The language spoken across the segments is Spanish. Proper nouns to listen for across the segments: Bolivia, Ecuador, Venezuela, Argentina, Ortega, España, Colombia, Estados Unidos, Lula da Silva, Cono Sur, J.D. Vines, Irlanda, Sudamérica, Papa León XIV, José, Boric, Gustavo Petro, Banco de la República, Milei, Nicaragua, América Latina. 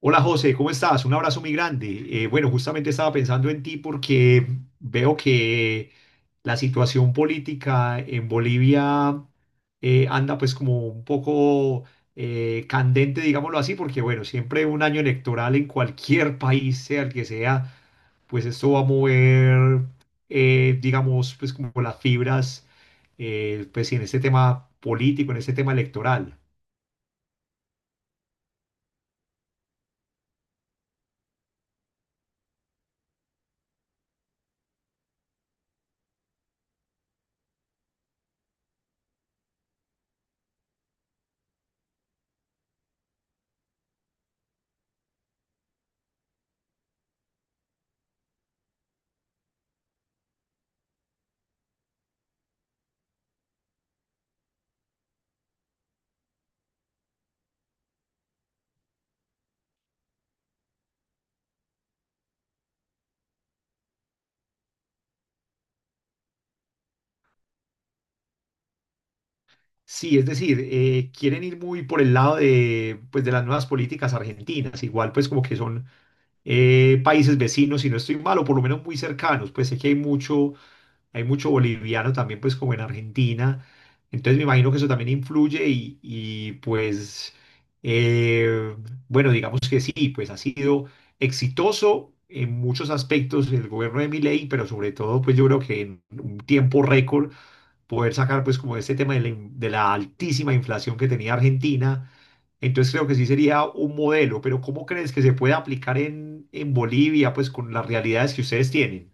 Hola José, ¿cómo estás? Un abrazo muy grande. Bueno, justamente estaba pensando en ti porque veo que la situación política en Bolivia anda pues como un poco candente, digámoslo así, porque bueno, siempre un año electoral en cualquier país, sea el que sea, pues esto va a mover, digamos, pues como las fibras, pues en este tema político, en este tema electoral. Sí, es decir, quieren ir muy por el lado de, pues, de las nuevas políticas argentinas, igual pues como que son países vecinos, si no estoy mal, o por lo menos muy cercanos, pues sé que hay mucho boliviano también pues como en Argentina, entonces me imagino que eso también influye y pues, eh, bueno, digamos que sí, pues ha sido exitoso en muchos aspectos el gobierno de Milei, pero sobre todo pues yo creo que en un tiempo récord poder sacar pues como este tema de la, de la altísima inflación que tenía Argentina. Entonces creo que sí sería un modelo, pero ¿cómo crees que se puede aplicar en Bolivia pues con las realidades que ustedes tienen?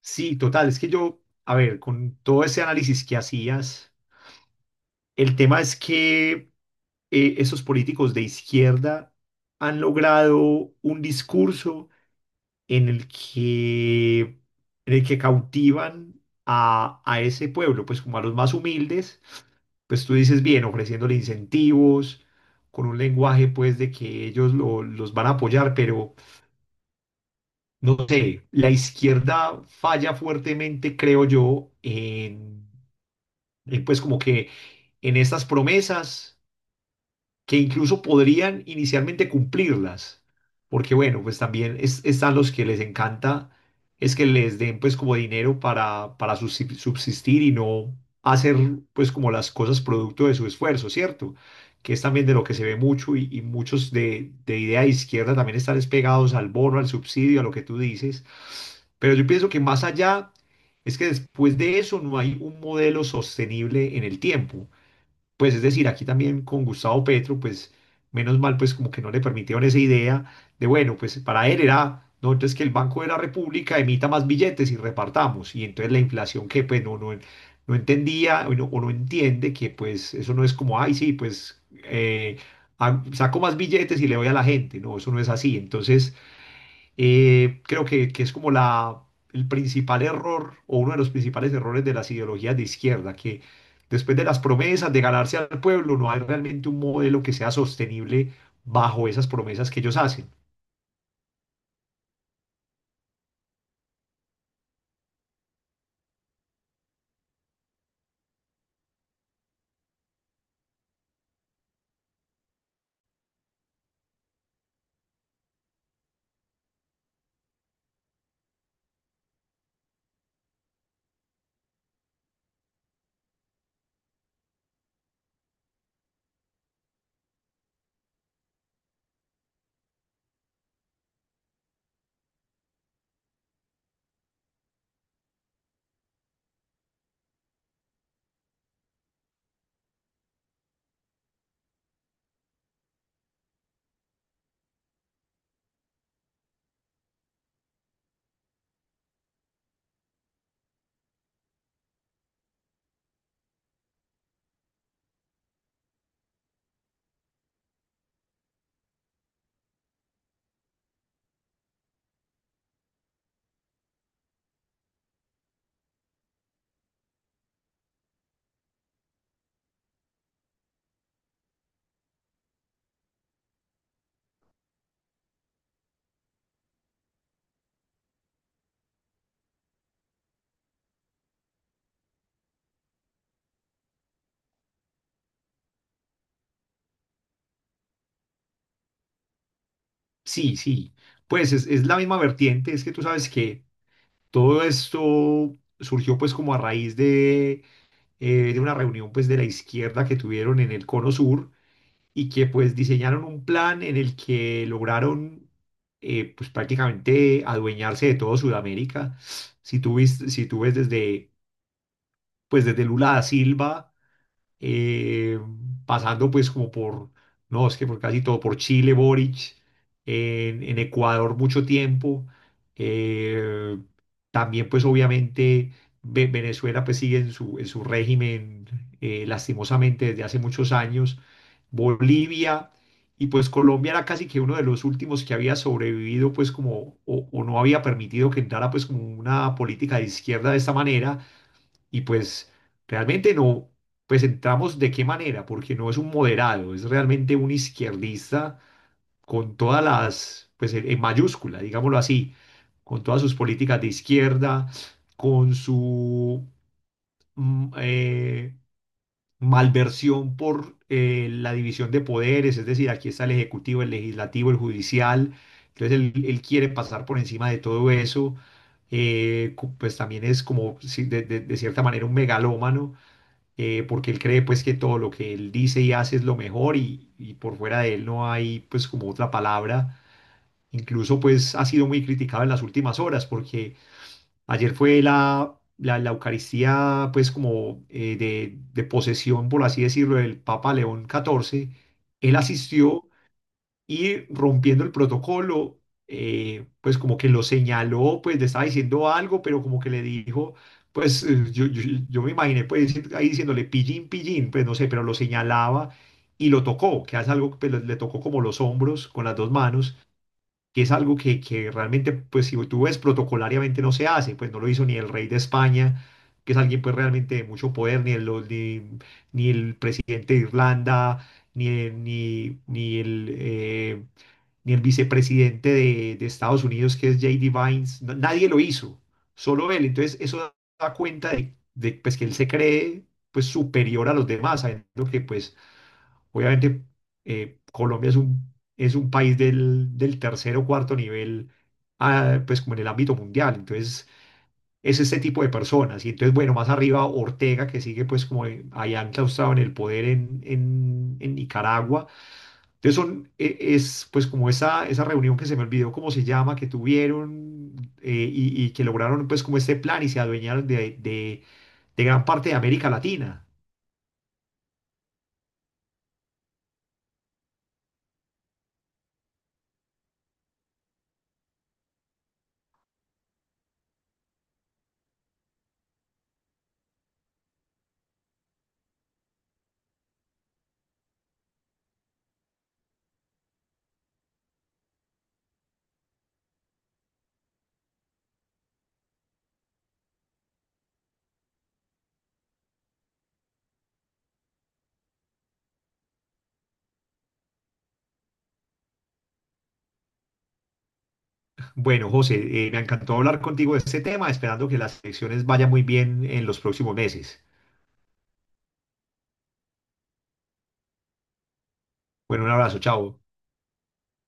Sí, total, es que yo, a ver, con todo ese análisis que hacías, el tema es que esos políticos de izquierda han logrado un discurso en el que, en el que cautivan a ese pueblo, pues como a los más humildes, pues tú dices bien, ofreciéndole incentivos, con un lenguaje pues de que ellos los van a apoyar, pero no sé, la izquierda falla fuertemente, creo yo, en, pues como que en estas promesas que incluso podrían inicialmente cumplirlas, porque bueno, pues también están los que les encanta es que les den pues como dinero para subsistir y no hacer pues como las cosas producto de su esfuerzo, ¿cierto? Que es también de lo que se ve mucho y muchos de idea de izquierda también están despegados al bono, al subsidio, a lo que tú dices, pero yo pienso que más allá es que después de eso no hay un modelo sostenible en el tiempo. Pues es decir, aquí también con Gustavo Petro, pues menos mal, pues como que no le permitieron esa idea de, bueno, pues para él era, no, entonces que el Banco de la República emita más billetes y repartamos. Y entonces la inflación que pues no entendía o no entiende que pues eso no es como, ay, sí, pues ah, saco más billetes y le doy a la gente. No, eso no es así. Entonces… creo que es como la, el principal error o uno de los principales errores de las ideologías de izquierda, que después de las promesas de ganarse al pueblo, no hay realmente un modelo que sea sostenible bajo esas promesas que ellos hacen. Sí, sí, pues es la misma vertiente, es que tú sabes que todo esto surgió pues como a raíz de una reunión pues de la izquierda que tuvieron en el Cono Sur y que pues diseñaron un plan en el que lograron, pues prácticamente adueñarse de todo Sudamérica. Si tú ves desde pues desde Lula da Silva, eh, pasando pues como por, no, es que por casi todo, por Chile, Boric, en Ecuador mucho tiempo, eh, también pues obviamente Venezuela pues sigue en su régimen, lastimosamente desde hace muchos años, Bolivia y pues Colombia era casi que uno de los últimos que había sobrevivido pues como o no había permitido que entrara pues como una política de izquierda de esta manera y pues realmente no, pues entramos de qué manera, porque no es un moderado, es realmente un izquierdista con todas las, pues en mayúscula, digámoslo así, con todas sus políticas de izquierda, con su mm, eh, malversión por la división de poderes, es decir, aquí está el ejecutivo, el legislativo, el judicial, entonces él quiere pasar por encima de todo eso. Pues también es como, de cierta manera, un megalómano, porque él cree pues que todo lo que él dice y hace es lo mejor y por fuera de él no hay pues como otra palabra. Incluso pues ha sido muy criticado en las últimas horas porque ayer fue la, la, la Eucaristía pues como de posesión, por así decirlo, del Papa León XIV. Él asistió y rompiendo el protocolo, pues como que lo señaló, pues le estaba diciendo algo, pero como que le dijo, pues yo me imaginé pues ahí diciéndole pillín, pillín, pues no sé, pero lo señalaba y lo tocó, que hace algo pues, le tocó como los hombros con las dos manos, que es algo que realmente, pues si tú ves protocolariamente no se hace, pues no lo hizo ni el rey de España, que es alguien pues realmente de mucho poder, ni el, ni, ni el presidente de Irlanda, ni, ni, ni el, ni el vicepresidente de Estados Unidos, que es J.D. Vines, nadie lo hizo, solo él. Entonces, eso da cuenta de, pues, que él se cree pues, superior a los demás, sabiendo que, pues, obviamente, Colombia es un país del, del tercer o cuarto nivel, ah, pues, como en el ámbito mundial. Entonces, es este tipo de personas. Y entonces, bueno, más arriba Ortega, que sigue, pues, como allá enclaustrado en el poder en, en Nicaragua, entonces son, es pues como esa reunión que se me olvidó cómo se llama, que tuvieron, y que lograron pues como este plan y se adueñaron de gran parte de América Latina. Bueno, José, me encantó hablar contigo de este tema, esperando que las elecciones vayan muy bien en los próximos meses. Bueno, un abrazo, chao.